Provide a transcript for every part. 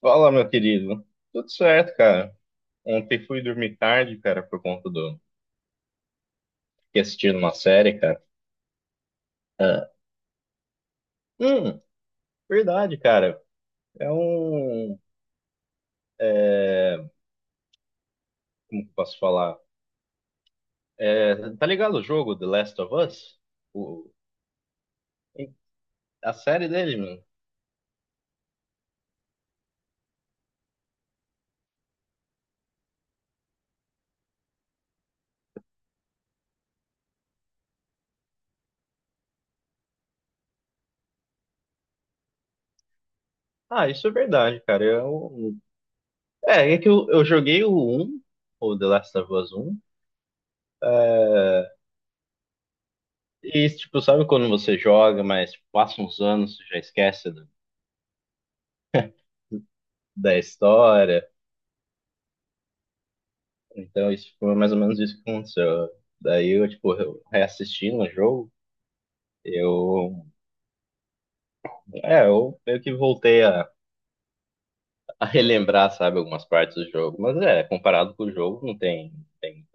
Fala, meu querido. Tudo certo, cara. Ontem fui dormir tarde, cara, por conta fiquei assistindo uma série, cara. Ah, Hum, Verdade, cara. É um... é, Como que eu posso falar? Tá ligado o jogo The Last of Us? O... A série dele, mano. Ah, isso é verdade, cara. É que eu joguei um, o The Last of Us um. E, tipo, sabe quando você joga, mas passa uns anos, você já esquece da história... Então, isso foi mais ou menos isso que aconteceu. Daí eu, tipo, eu reassistindo o jogo, eu, eu meio que voltei a relembrar, sabe, algumas partes do jogo. Mas é, comparado com o jogo, não tem, tem,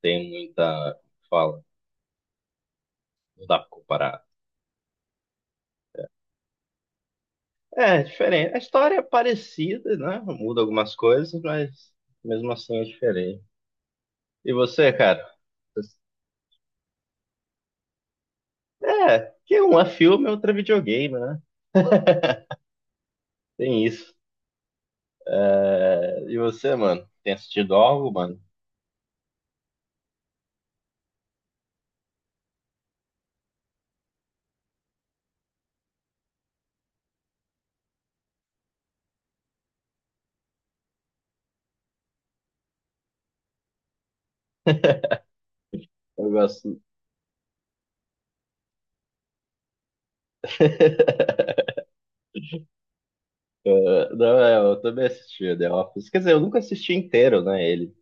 tem muita fala, não dá pra comparar. É, é diferente. A história é parecida, né? Muda algumas coisas, mas mesmo assim é diferente. E você, cara? É, que um é filme, outro é videogame, né? Tem isso. É, e você, mano? Tem assistido algo, mano? Eu gosto. Não, é, eu também assistia The Office. Quer dizer, eu nunca assisti inteiro, né, ele.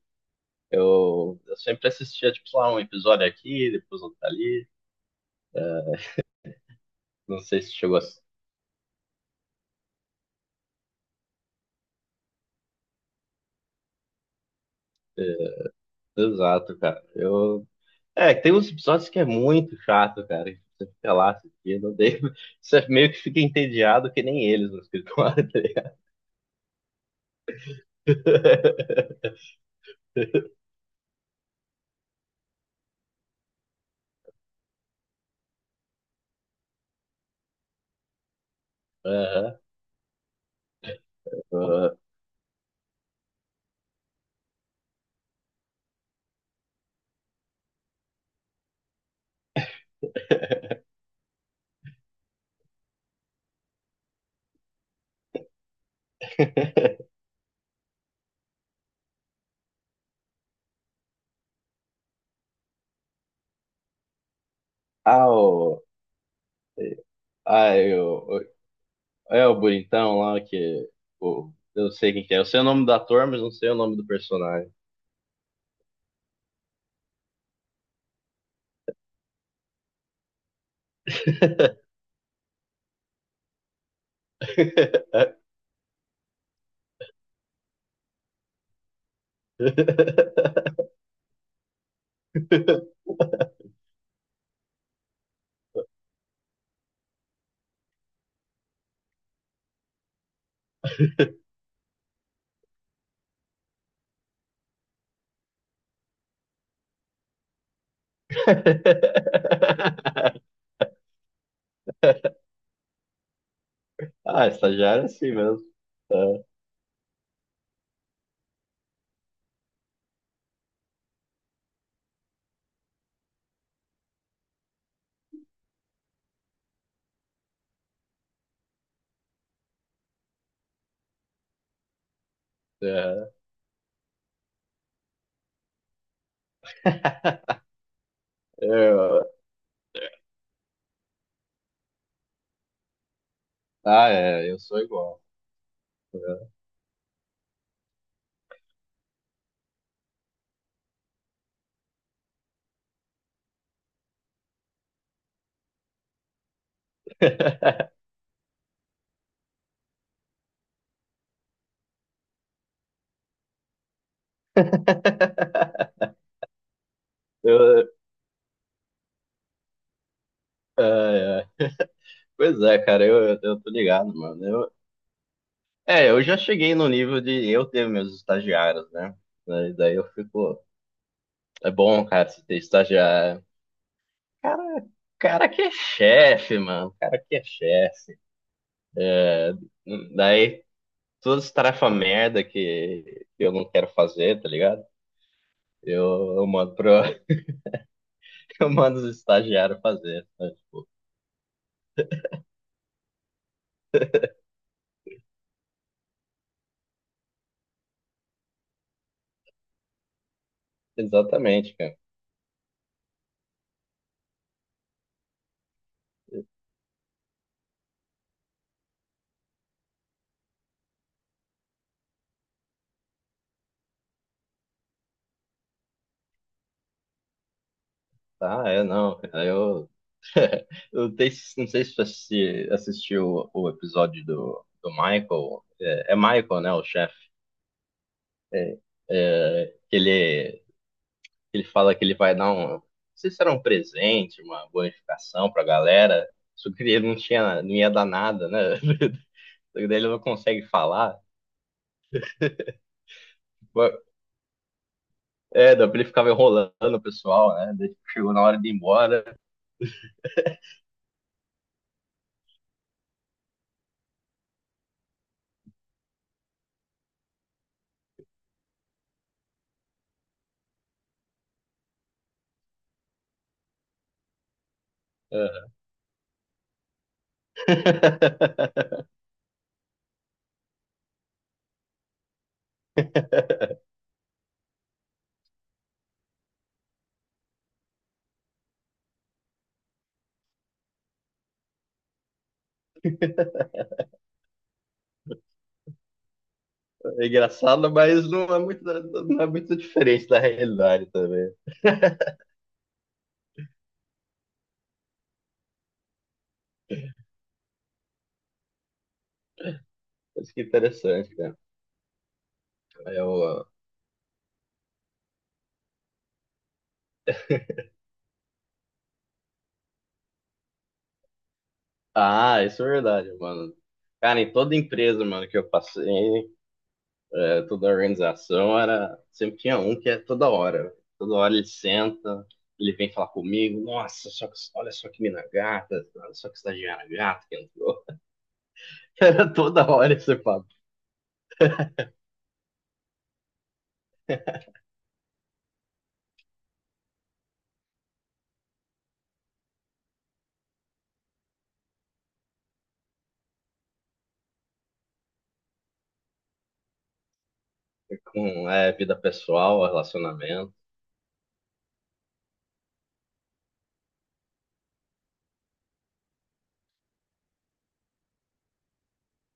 Eu sempre assistia, tipo, sei lá, um episódio aqui, depois outro ali. Não sei se chegou exato, cara. Tem uns episódios que é muito chato, cara. Que Você fica lá assistindo, daí você meio que fica entediado que nem eles no escritório. Tá ligado? Aham. Aham. Ah, o... Ah, eu... É o bonitão lá que. Eu não sei quem que é. Eu sei o nome do ator, mas não sei o nome do personagem. Ah, estagiário é assim mesmo. É. É. É, Eu- Ah, é, eu sou igual. É. Eu, é, é. Pois é, cara, eu tô ligado, mano. Eu já cheguei no nível de eu ter meus estagiários, né? Daí eu fico. É bom, cara, você ter estagiário. Cara, cara que é chefe, mano. Cara que é chefe. Daí, todas as tarefas merda que eu não quero fazer, tá ligado? Eu mando pro, eu mando os estagiários fazer. Tá? Tipo, exatamente, cara. Ah, é, não, cara. Eu tenho- não sei se você assistiu o episódio do Michael. É, é Michael, né, o chefe? É, que ele Ele fala que ele vai dar um. Não sei se era um presente, uma bonificação pra galera. Só que ele não tinha, não ia dar nada, né? Só que daí ele não consegue falar. É, daí ele ficava enrolando o pessoal, né? Daí chegou na hora de ir embora. É. É engraçado, mas não é muito, não é muito diferente da realidade também. Acho que é interessante, cara. Eu, ah, isso é verdade, mano. Cara, em toda empresa, mano, que eu passei, é, toda a organização era. Sempre tinha um que é toda hora. Toda hora ele senta, ele vem falar comigo, nossa, só que, olha só que mina gata, olha só que estagiária gata que entrou. Era toda hora esse papo. Com é, vida pessoal, relacionamento.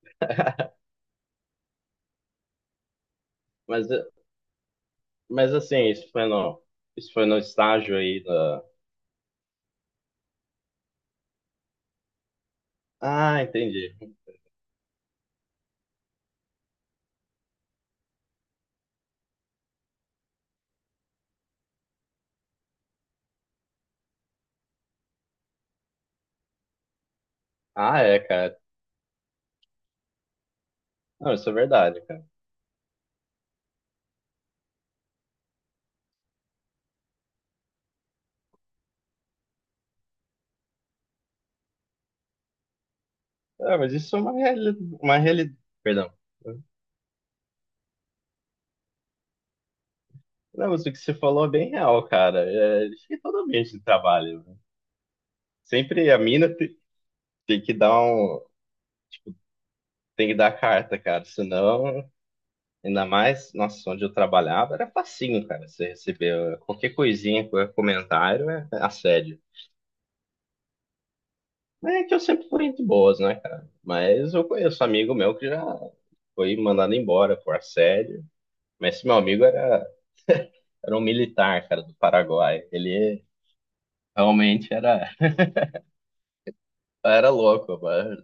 Mas, mas assim, isso foi no estágio aí da. Ah, entendi. Ah, é, cara. Não, isso é verdade, cara. Ah, mas isso é uma, reali... uma reali... Perdão. Não, mas o que você falou é bem real, cara. É, acho que todo ambiente de trabalho. Né? Sempre a mina tem que dar tem que dar a carta, cara. Senão, ainda mais, nossa, onde eu trabalhava era facinho, cara. Você recebeu qualquer coisinha, qualquer comentário é assédio. Mas é que eu sempre fui muito boas, né, cara? Mas eu conheço amigo meu que já foi mandado embora por assédio. Mas esse meu amigo era, era um militar, cara, do Paraguai. Realmente era, Era louco, mano.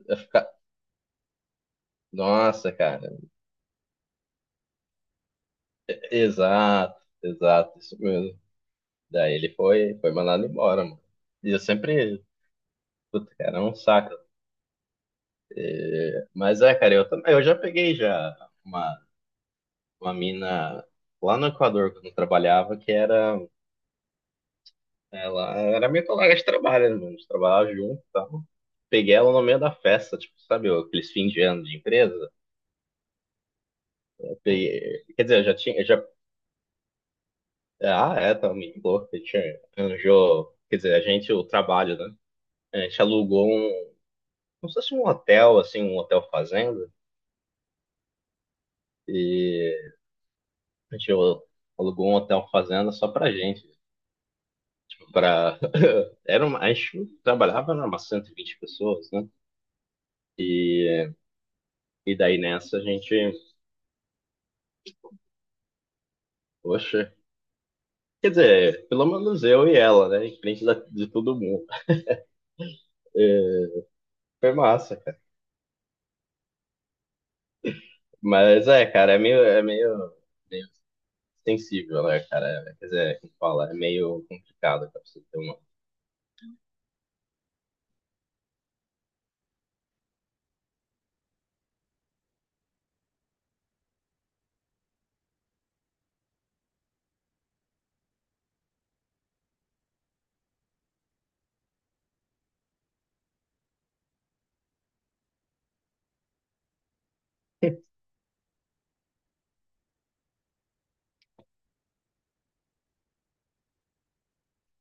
Nossa, cara. Exato, exato, isso mesmo. Daí ele foi mandado embora, mano. E eu sempre, puta, cara, é um saco. Mas é, cara, eu também, eu já peguei já uma, uma mina lá no Equador quando eu trabalhava, ela era minha colega de trabalho, né, mano, a gente trabalhava junto e tal. Peguei ela no meio da festa, tipo, sabe, aqueles fim de ano de empresa. Eu peguei, quer dizer, eu já tinha, eu já, ah, é, tá, me louco, a gente arranjou, quer dizer, a gente, o trabalho, né? A gente alugou um como se fosse um hotel, assim, um hotel fazenda. E a gente alugou um hotel fazenda só pra gente. Pra... Era uma... A gente trabalhava numa 120 pessoas, né? E, e daí nessa a gente, poxa, quer dizer, pelo menos eu e ela, né? Em frente de todo mundo. É, foi massa, cara. Mas é, cara, é meio sensível, né, cara? É, quer dizer, como fala, é meio complicado, cara, pra você ter uma.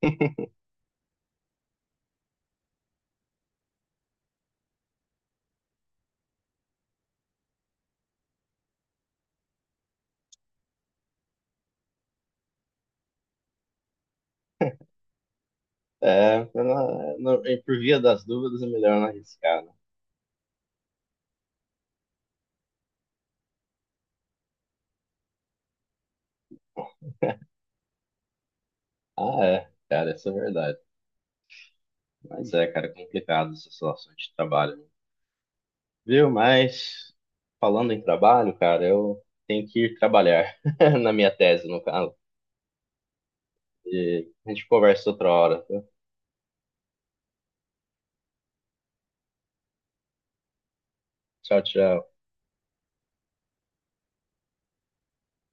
É, pra não- não- E por via das dúvidas é melhor não arriscar, né? Ah, é, cara, isso é verdade. Mas é, cara, é complicado essa situação de trabalho. Né? Viu? Mas falando em trabalho, cara, eu tenho que ir trabalhar na minha tese, no caso. E a gente conversa outra hora. Tá? Tchau, tchau.